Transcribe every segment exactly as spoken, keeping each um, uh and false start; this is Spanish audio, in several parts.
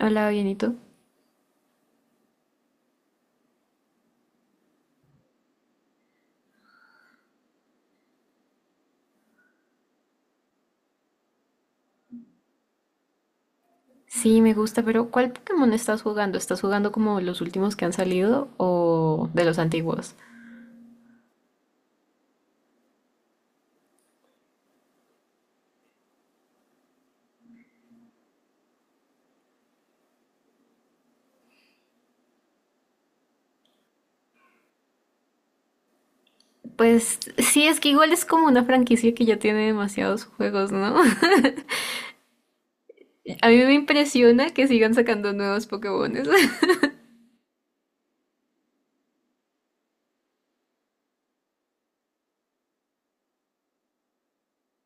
Hola, bienito. Sí, me gusta, pero ¿cuál Pokémon estás jugando? ¿Estás jugando como los últimos que han salido o de los antiguos? Pues sí, es que igual es como una franquicia que ya tiene demasiados juegos, ¿no? A mí me impresiona que sigan sacando nuevos Pokémones.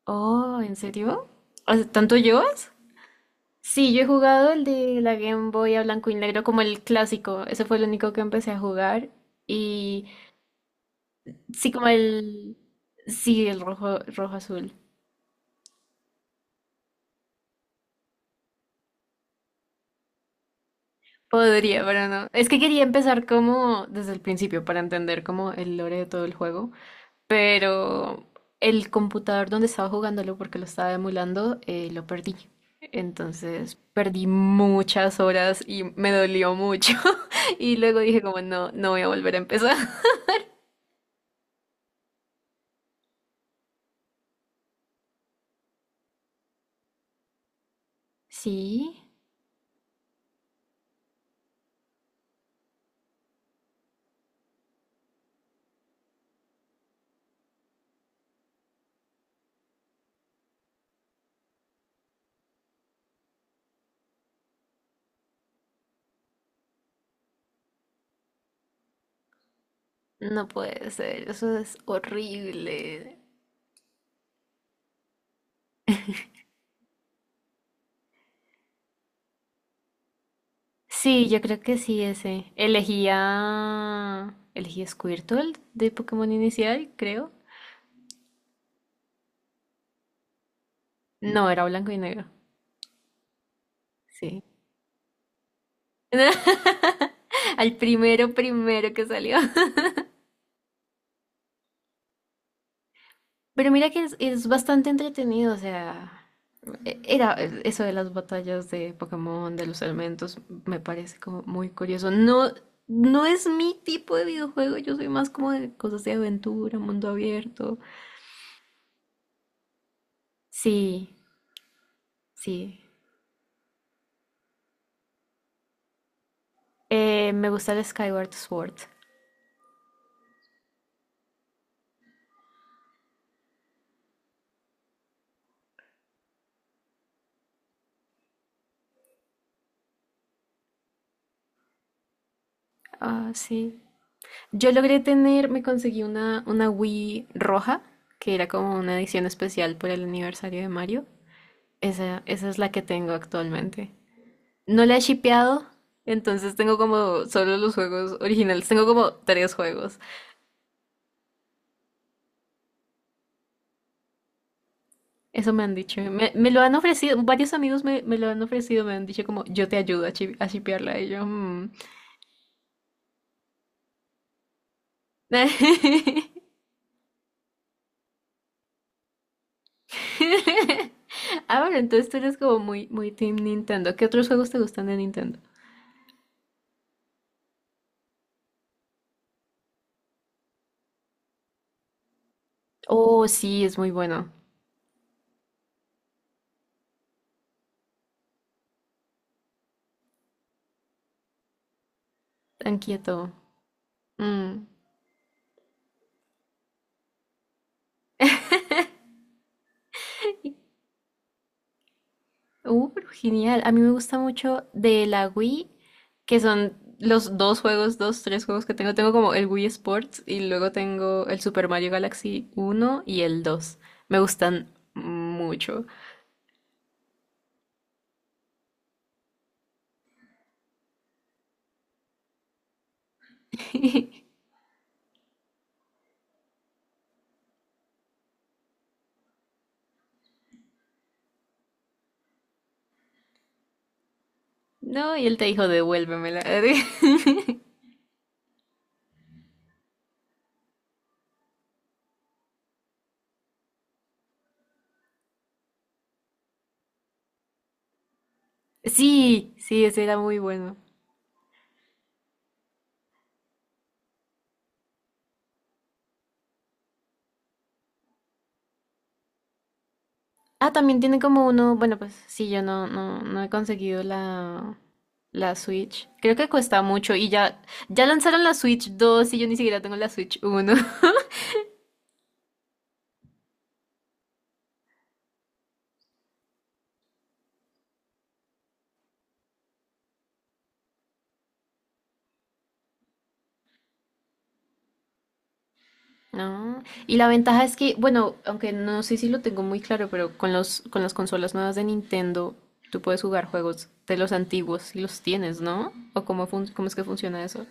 Oh, ¿en serio? O sea, ¿tanto llevas? Sí, yo he jugado el de la Game Boy a blanco y negro como el clásico. Ese fue el único que empecé a jugar. Y sí, como el... Sí, el rojo, rojo azul. Podría, pero no. Es que quería empezar como desde el principio para entender como el lore de todo el juego, pero el computador donde estaba jugándolo porque lo estaba emulando, eh, lo perdí. Entonces perdí muchas horas y me dolió mucho. Y luego dije como no, no voy a volver a empezar. Sí, no puede ser, eso es horrible. Sí, yo creo que sí, ese. Elegía... Elegí a Squirtle de Pokémon inicial, creo. No, era blanco y negro. Sí. Al primero, primero que salió. Pero mira que es, es bastante entretenido, o sea, e- era eso de las batallas de Pokémon, de los elementos, me parece como muy curioso. No, no es mi tipo de videojuego, yo soy más como de cosas de aventura, mundo abierto. Sí, sí. Eh, me gusta el Skyward Sword. Ah, sí. Yo logré tener, me conseguí una, una Wii roja, que era como una edición especial por el aniversario de Mario. Esa, esa es la que tengo actualmente. No la he shipeado, entonces tengo como solo los juegos originales. Tengo como tres juegos. Eso me han dicho. Me, me lo han ofrecido, varios amigos me, me lo han ofrecido, me han dicho como yo te ayudo a, shi- a shipearla. Y yo, "Mm". Ah, bueno, entonces tú eres como muy, muy Team Nintendo. ¿Qué otros juegos te gustan de Nintendo? Oh, sí, es muy bueno. Tan quieto. Mm. Uh, pero genial. A mí me gusta mucho de la Wii, que son los dos juegos, dos, tres juegos que tengo. Tengo como el Wii Sports y luego tengo el Super Mario Galaxy uno y el dos. Me gustan mucho. No, y él te dijo, devuélvemela. Sí, sí, ese era muy bueno. Ah, también tiene como uno, bueno, pues sí, yo no, no, no he conseguido la, la Switch. Creo que cuesta mucho y ya, ya lanzaron la Switch dos, y yo ni siquiera tengo la Switch uno. No, y la ventaja es que, bueno, aunque no sé si lo tengo muy claro, pero con los, con las consolas nuevas de Nintendo, tú puedes jugar juegos de los antiguos y los tienes, ¿no? ¿O cómo, fun- cómo es que funciona eso?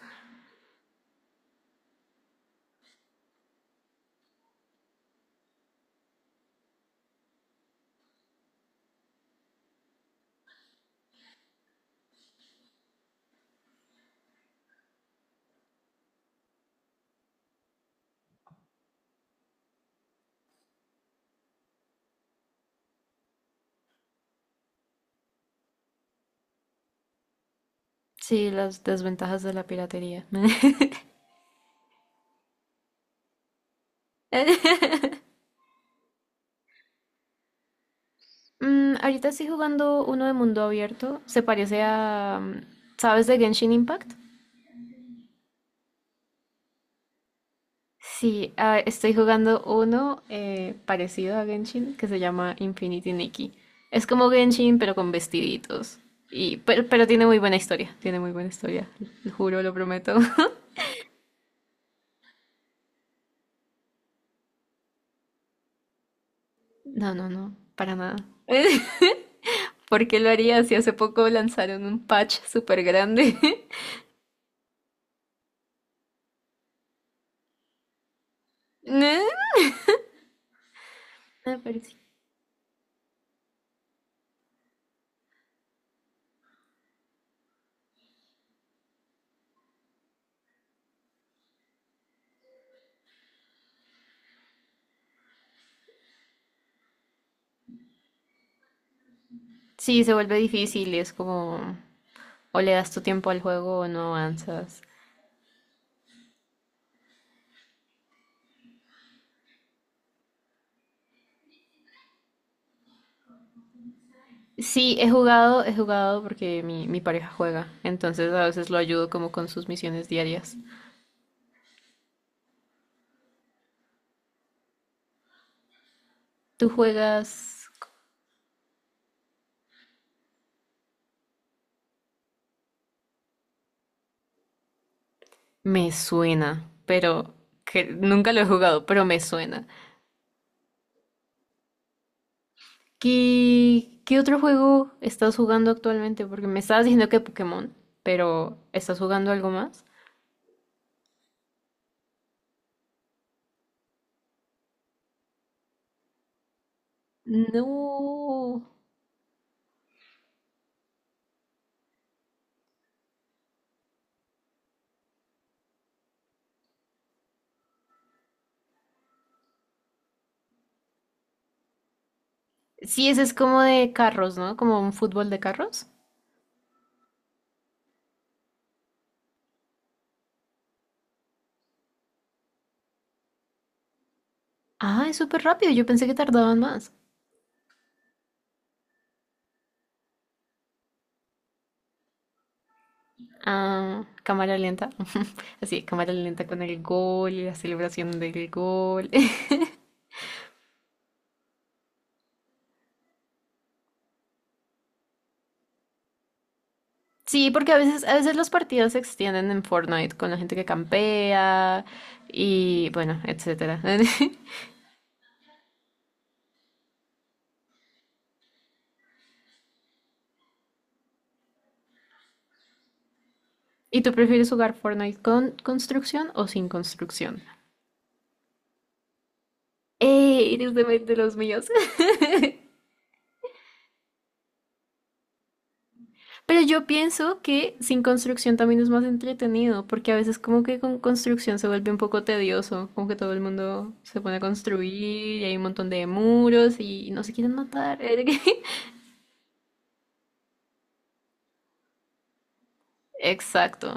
Sí, las desventajas de la piratería. Mm, ahorita estoy jugando uno de mundo abierto. Se parece a... mm, ¿sabes de Genshin Impact? Sí, ah, estoy jugando uno eh, parecido a Genshin que se llama Infinity Nikki. Es como Genshin, pero con vestiditos. Y, pero, pero tiene muy buena historia. Tiene muy buena historia. Lo juro, lo prometo. No, no, no. Para nada. ¿Por qué lo haría si hace poco lanzaron un patch súper grande? No, me parece. Sí, se vuelve difícil. Es como... o le das tu tiempo al juego o no avanzas. Sí, he jugado, he jugado porque mi, mi pareja juega, entonces a veces lo ayudo como con sus misiones diarias. ¿Tú juegas? Me suena, pero que nunca lo he jugado, pero me suena. ¿Qué, qué otro juego estás jugando actualmente? Porque me estabas diciendo que Pokémon, pero ¿estás jugando algo más? No. Sí, ese es como de carros, ¿no? Como un fútbol de carros. Ah, es súper rápido, yo pensé que tardaban más. Ah, cámara lenta. Así, cámara lenta con el gol y la celebración del gol. Sí, porque a veces, a veces los partidos se extienden en Fortnite con la gente que campea y bueno, etcétera. ¿Y tú prefieres jugar Fortnite con construcción o sin construcción? ¡Eh! Eres de, de los míos. Pero yo pienso que sin construcción también es más entretenido, porque a veces como que con construcción se vuelve un poco tedioso, como que todo el mundo se pone a construir y hay un montón de muros y no se quieren matar. Exacto.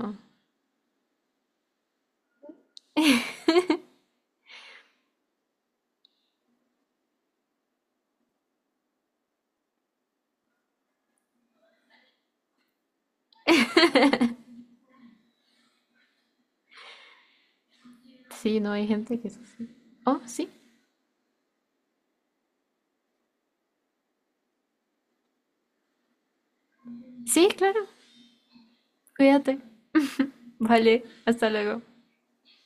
Sí, no hay gente que es así. Oh, sí. Sí, claro. Cuídate. Vale, hasta luego.